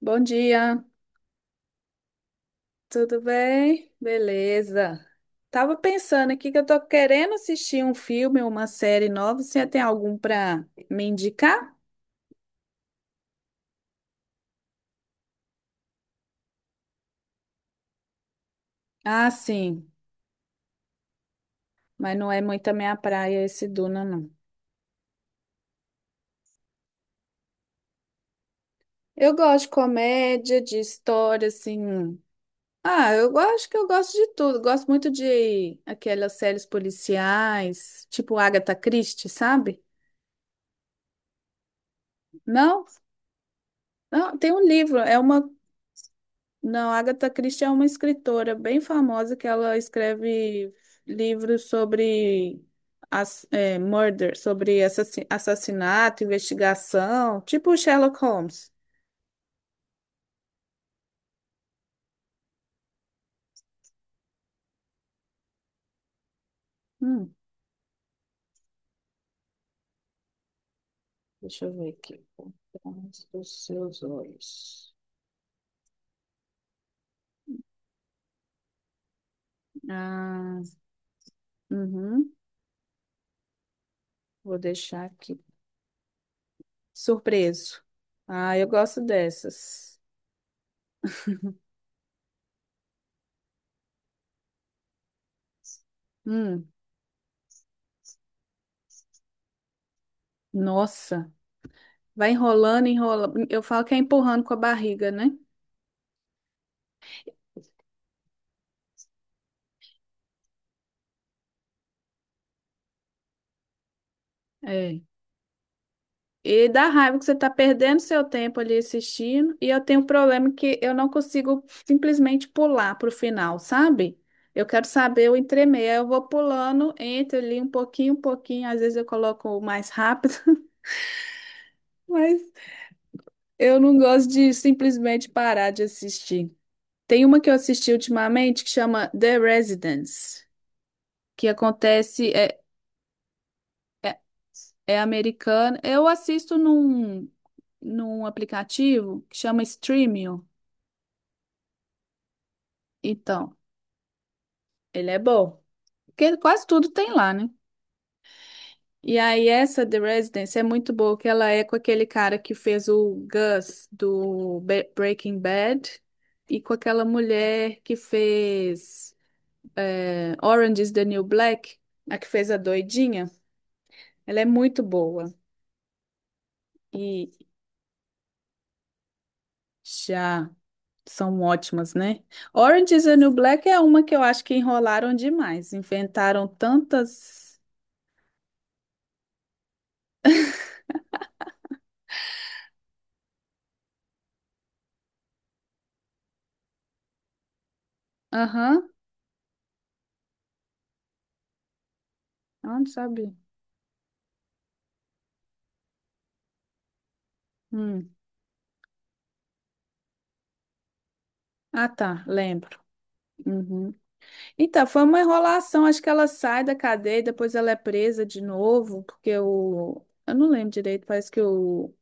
Bom dia, tudo bem? Beleza. Tava pensando aqui que eu tô querendo assistir um filme, uma série nova. Você tem algum para me indicar? Ah, sim, mas não é muito a minha praia esse Duna, não. Eu gosto de comédia, de história, assim. Ah, eu gosto que eu gosto de tudo. Gosto muito de aquelas séries policiais, tipo Agatha Christie, sabe? Não, não, tem um livro, é uma. Não, Agatha Christie é uma escritora bem famosa que ela escreve livros sobre as, é, murder, sobre assassinato, investigação, tipo Sherlock Holmes. Hum. Deixa eu ver aqui. Por trás dos seus olhos. Ah, uhum. Vou deixar aqui. Surpreso. Ah, eu gosto dessas. Hum, nossa, vai enrolando, enrola. Eu falo que é empurrando com a barriga, né? É. E dá raiva que você tá perdendo seu tempo ali assistindo. E eu tenho um problema que eu não consigo simplesmente pular pro final, sabe? Eu quero saber o entremeio. Aí eu vou pulando, entro ali um pouquinho, um pouquinho. Às vezes eu coloco o mais rápido, mas eu não gosto de simplesmente parar de assistir. Tem uma que eu assisti ultimamente que chama The Residence, que acontece, é, é, é americana. Eu assisto num aplicativo que chama Streamio. Então. Ele é bom. Porque quase tudo tem lá, né? E aí essa The Residence é muito boa, que ela é com aquele cara que fez o Gus do Breaking Bad e com aquela mulher que fez é, Orange is the New Black, a que fez a doidinha. Ela é muito boa. E já são ótimas, né? Orange is the New Black é uma que eu acho que enrolaram demais. Inventaram tantas... Aham. Ah, não sabe. Hum. Ah, tá, lembro. Uhum. Então, foi uma enrolação. Acho que ela sai da cadeia, e depois ela é presa de novo, porque o. Eu não lembro direito, parece que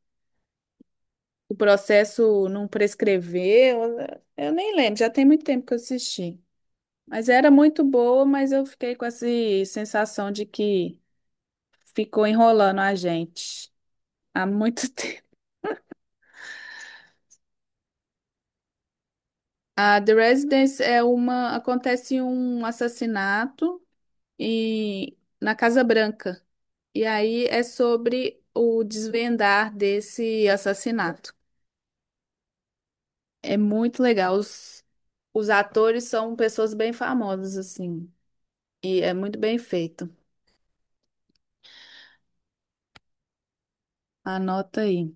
o processo não prescreveu. Eu nem lembro, já tem muito tempo que eu assisti. Mas era muito boa, mas eu fiquei com essa sensação de que ficou enrolando a gente há muito tempo. A The Residence é uma. Acontece um assassinato e na Casa Branca. E aí é sobre o desvendar desse assassinato. É muito legal. Os atores são pessoas bem famosas, assim. E é muito bem feito. Anota aí.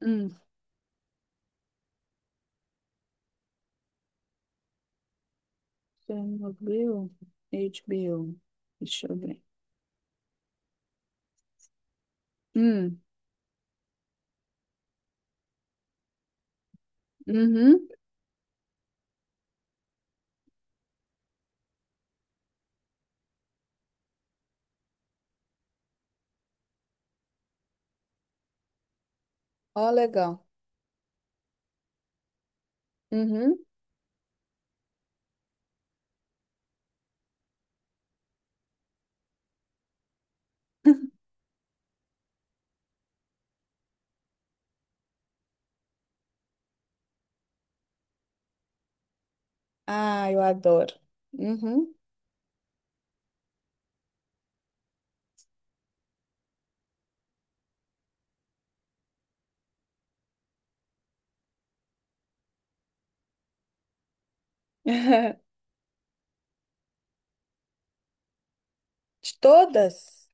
Hum. Chernobyl, HBO. Deixa eu ver. Hum. Uhum. Ó, legal. Uhum. Ah, eu adoro. Uhum. De todas?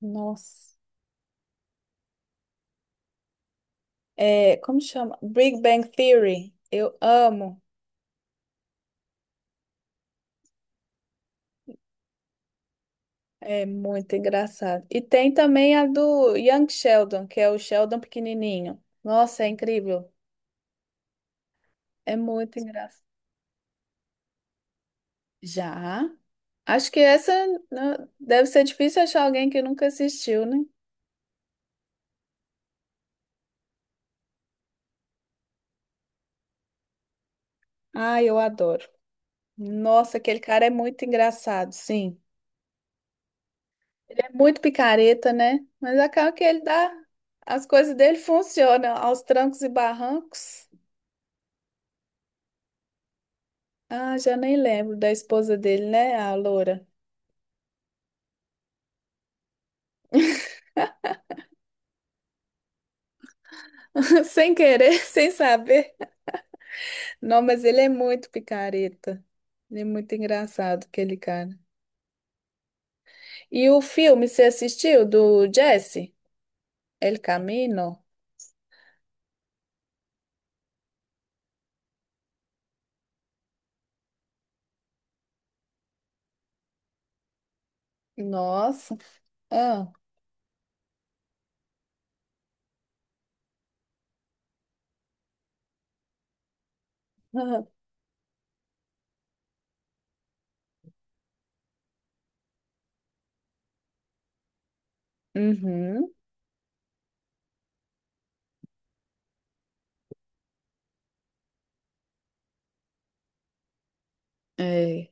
Nossa. É, como chama? Big Bang Theory. Eu amo. É muito engraçado. E tem também a do Young Sheldon, que é o Sheldon pequenininho. Nossa, é incrível. É muito engraçado. Já? Acho que essa né, deve ser difícil achar alguém que nunca assistiu, né? Ah, eu adoro. Nossa, aquele cara é muito engraçado, sim. Ele é muito picareta, né? Mas acaba que ele dá. As coisas dele funcionam aos trancos e barrancos. Ah, já nem lembro da esposa dele, né? A loura. Sem querer, sem saber. Não, mas ele é muito picareta. Ele é muito engraçado, aquele cara. E o filme, você assistiu do Jesse? El Camino? Nossa. Ah. Uhum. É.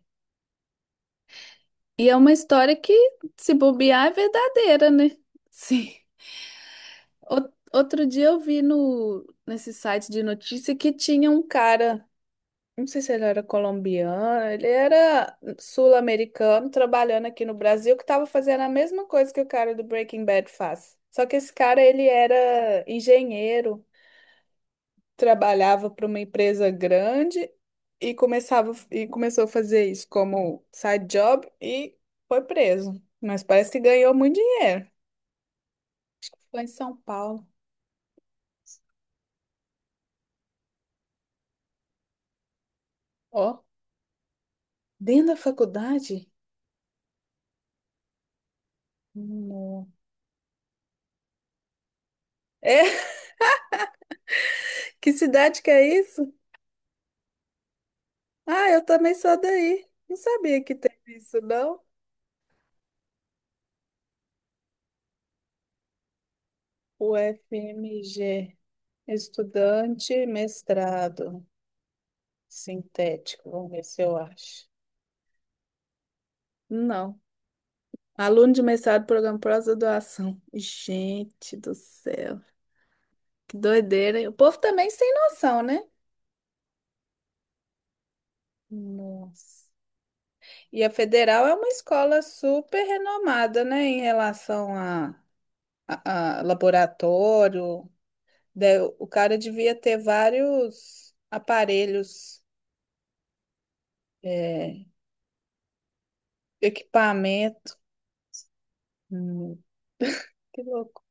E é uma história que, se bobear, é verdadeira, né? Sim. Outro dia eu vi no, nesse site de notícia que tinha um cara. Não sei se ele era colombiano, ele era sul-americano trabalhando aqui no Brasil, que estava fazendo a mesma coisa que o cara do Breaking Bad faz. Só que esse cara, ele era engenheiro, trabalhava para uma empresa grande e começava e começou a fazer isso como side job e foi preso. Mas parece que ganhou muito dinheiro. Foi em São Paulo. Ó, dentro da faculdade? Não. É, que cidade que é isso? Ah, eu também sou daí. Não sabia que teve isso, não. O FMG, estudante mestrado sintético. Vamos ver se eu acho. Não. Aluno de mestrado, programa pós-graduação. Gente do céu, que doideira, hein? O povo também sem noção, né? Nossa. E a Federal é uma escola super renomada, né, em relação a, a laboratório. Daí o cara devia ter vários aparelhos, é, equipamento. Hum, que louco.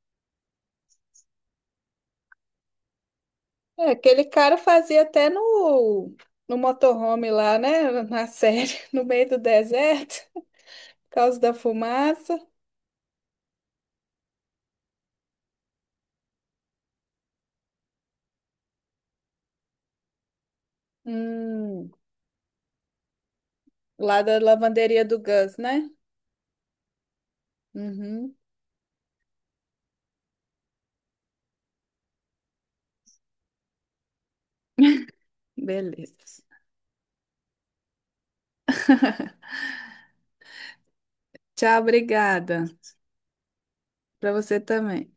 É, aquele cara fazia até no motorhome lá, né? Na série, no meio do deserto, por causa da fumaça. Hum, lá da lavanderia do Gus, né? Uhum, beleza. Tchau, obrigada. Para você também.